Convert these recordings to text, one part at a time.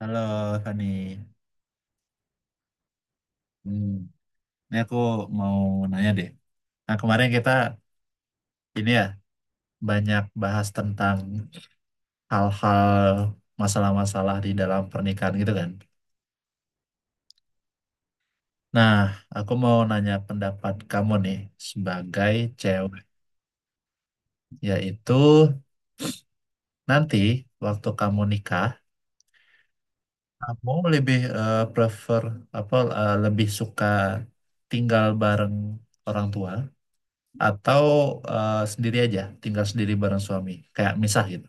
Halo, Fani. Hmm, ini aku mau nanya deh. Nah, kemarin kita ini ya banyak bahas tentang hal-hal masalah-masalah di dalam pernikahan gitu kan. Nah, aku mau nanya pendapat kamu nih sebagai cewek, yaitu nanti waktu kamu nikah, kamu lebih prefer apa lebih suka tinggal bareng orang tua atau sendiri aja tinggal sendiri bareng suami kayak misah gitu.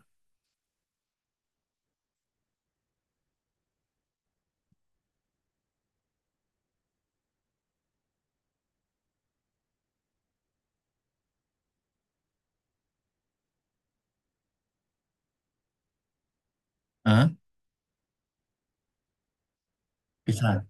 Hah? Pisah.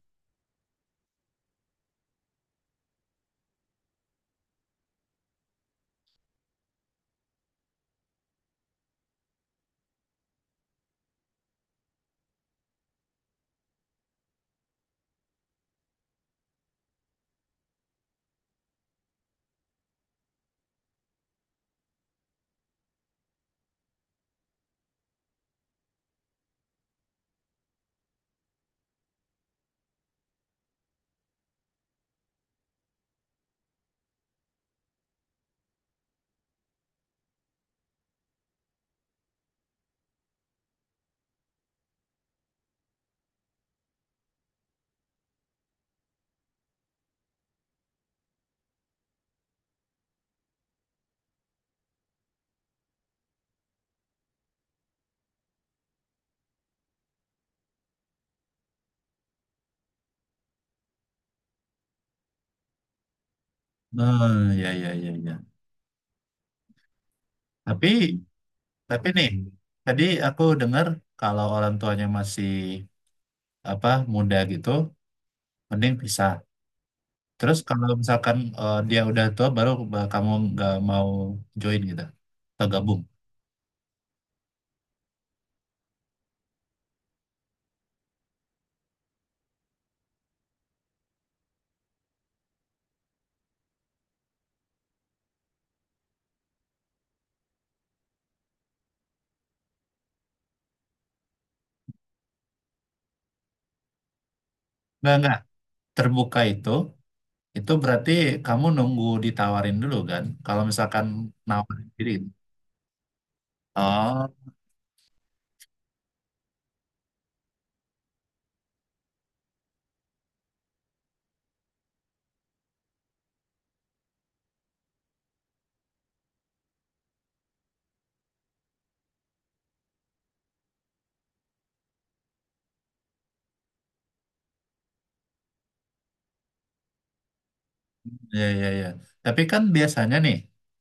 Oh ya, ya, ya, ya. tapi tapi nih, tadi aku dengar kalau orang tuanya masih apa, muda gitu, mending pisah. Terus kalau misalkan dia udah tua baru kamu nggak mau join gitu atau gabung. Nggak, terbuka itu berarti kamu nunggu ditawarin dulu kan kalau misalkan nawarin diri. Oh. Iya, iya, iya. Tapi kan biasanya nih,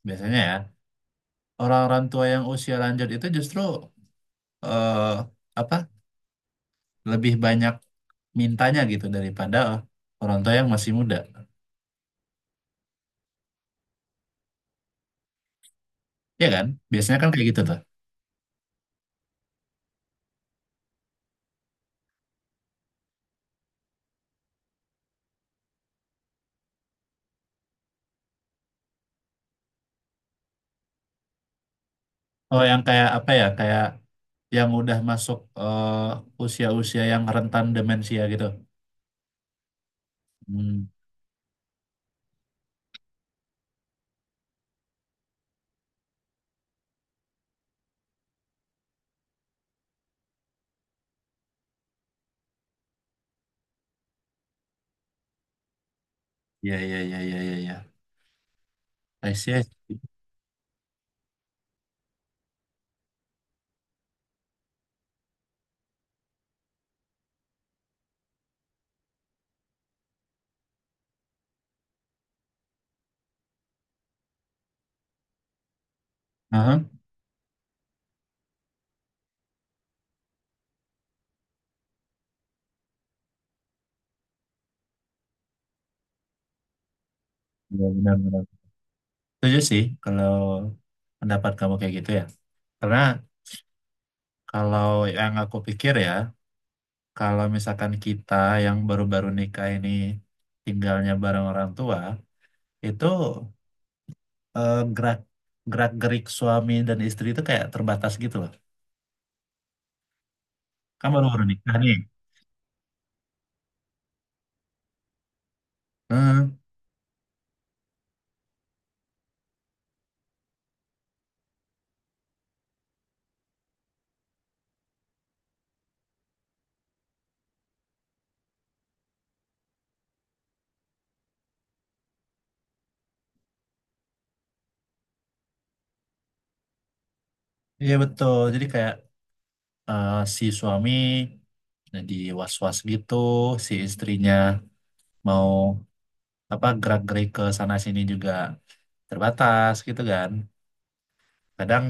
biasanya ya, orang-orang tua yang usia lanjut itu justru eh apa, lebih banyak mintanya gitu daripada orang tua yang masih muda. Iya kan? Biasanya kan kayak gitu tuh. Oh, yang kayak apa ya? Kayak yang udah masuk usia-usia yang rentan demensia gitu. Hmm, iya, iya, iya, iya, iya, iya. I see, I see. Aha. Iya, benar, benar. Setuju sih kalau pendapat kamu kayak gitu ya. Karena kalau yang aku pikir ya, kalau misalkan kita yang baru-baru nikah ini tinggalnya bareng orang tua, itu gerak gerak gerik suami dan istri itu kayak terbatas gitu loh. Kan baru-baru nikah nih. Hmm, iya betul. Jadi kayak si suami jadi was-was gitu, si istrinya mau apa, gerak gerik ke sana sini juga terbatas gitu kan. Kadang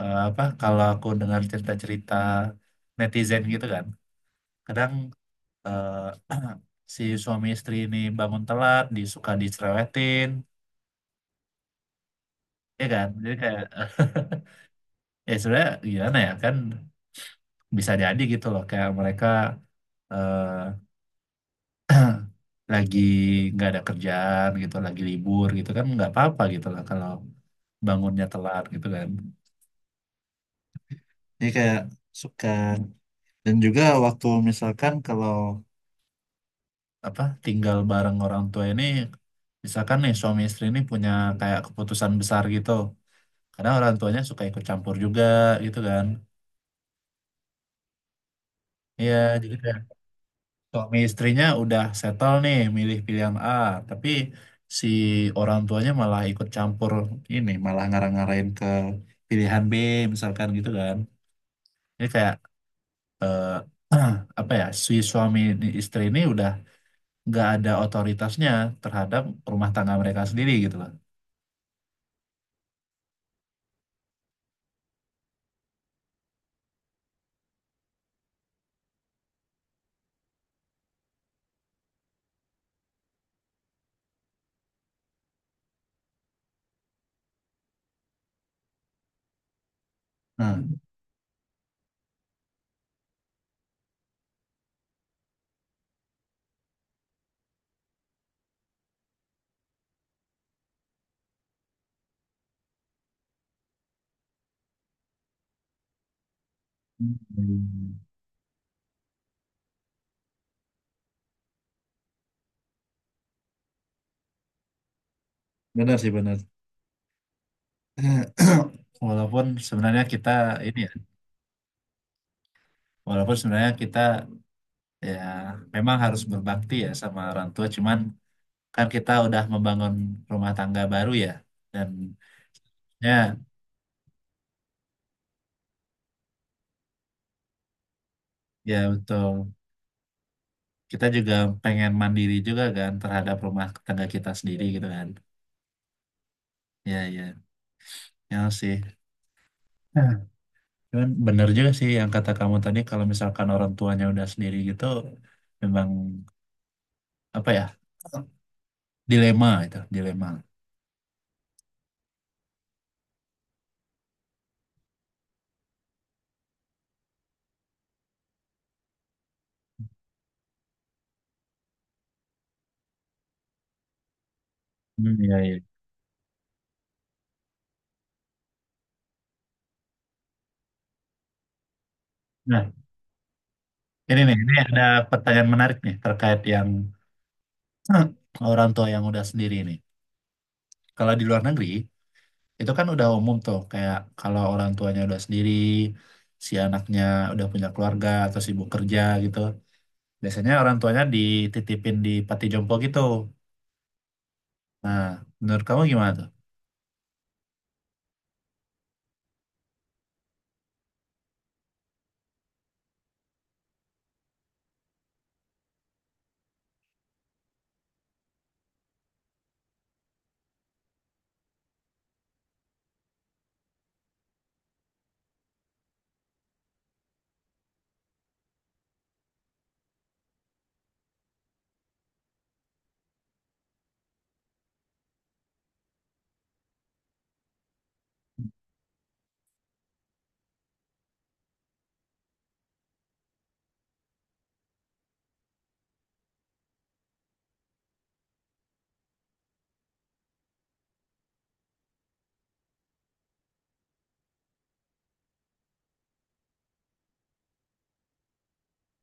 apa, kalau aku dengar cerita-cerita netizen gitu kan, kadang eh, si suami istri ini bangun telat disuka dicerewetin. Ya kan, jadi kayak ya sebenarnya gimana ya kan, bisa jadi gitu loh kayak mereka eh, lagi nggak ada kerjaan gitu, lagi libur gitu kan, nggak apa-apa gitu loh kalau bangunnya telat gitu kan. Jadi kayak suka. Dan juga waktu misalkan kalau apa tinggal bareng orang tua ini, misalkan nih suami istri ini punya kayak keputusan besar gitu, karena orang tuanya suka ikut campur juga gitu kan. Iya, jadi kayak suami istrinya udah settle nih milih pilihan A, tapi si orang tuanya malah ikut campur, ini malah ngarang-ngarain ke pilihan B misalkan gitu kan. Ini kayak eh, apa ya, si suami istri ini udah nggak ada otoritasnya terhadap rumah tangga mereka sendiri gitu loh. Nah. Hmm. Benar sih, benar. Walaupun sebenarnya kita ini ya, walaupun sebenarnya kita ya memang harus berbakti ya sama orang tua, cuman kan kita udah membangun rumah tangga baru ya, dan ya. Ya betul, kita juga pengen mandiri juga kan terhadap rumah tangga kita sendiri gitu kan. Ya ya, ya sih. Nah, cuman benar juga sih yang kata kamu tadi kalau misalkan orang tuanya udah sendiri gitu, memang apa ya, dilema itu dilema. Hmm, iya, iya. Nah, ini nih, ini ada pertanyaan menarik nih terkait yang orang tua yang udah sendiri nih. Kalau di luar negeri, itu kan udah umum tuh, kayak kalau orang tuanya udah sendiri, si anaknya udah punya keluarga atau sibuk kerja gitu. Biasanya orang tuanya dititipin di panti jompo gitu. Nah, menurut kamu gimana tuh?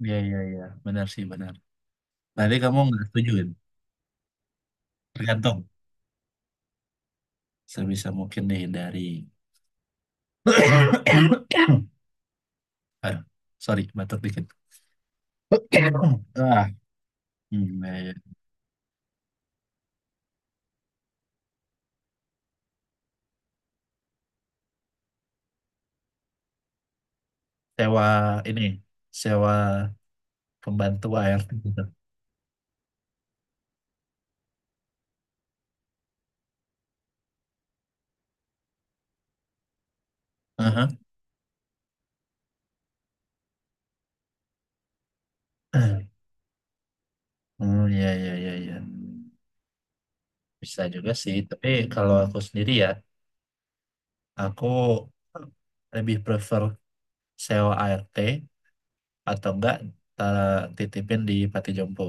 Iya, iya, iya. Benar sih, benar. Tadi kamu nggak setuju kan? Tergantung. Sebisa mungkin dihindari. Aduh, sorry, batuk dikit. Ah, hmm, ya, ya. Sewa ini, sewa pembantu ART gitu. Aha. Hmm, ya, ya, ya, ya. Bisa juga sih, tapi kalau aku sendiri ya, aku lebih prefer sewa ART atau enggak titipin di Pati Jompo.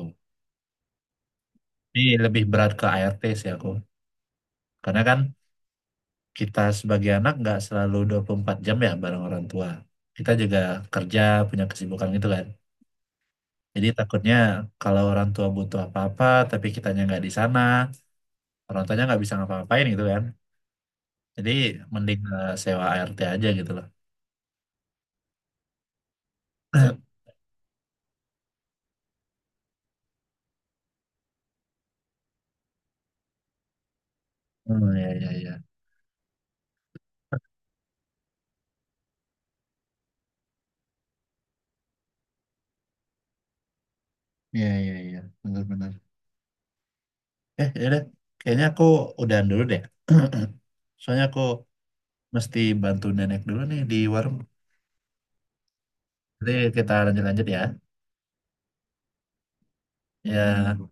Ini lebih berat ke ART sih aku. Karena kan kita sebagai anak nggak selalu 24 jam ya bareng orang tua. Kita juga kerja, punya kesibukan gitu kan. Jadi takutnya kalau orang tua butuh apa-apa, tapi kitanya nggak di sana, orang tuanya nggak bisa ngapa-ngapain gitu kan. Jadi mending sewa ART aja gitu loh. Hmm, ya, ya, ya. Ya, ya, ya. Benar-benar. Eh, ya udah. Kayaknya aku udahan dulu deh. Soalnya aku mesti bantu nenek dulu nih di warung. Jadi kita lanjut-lanjut ya. Ya,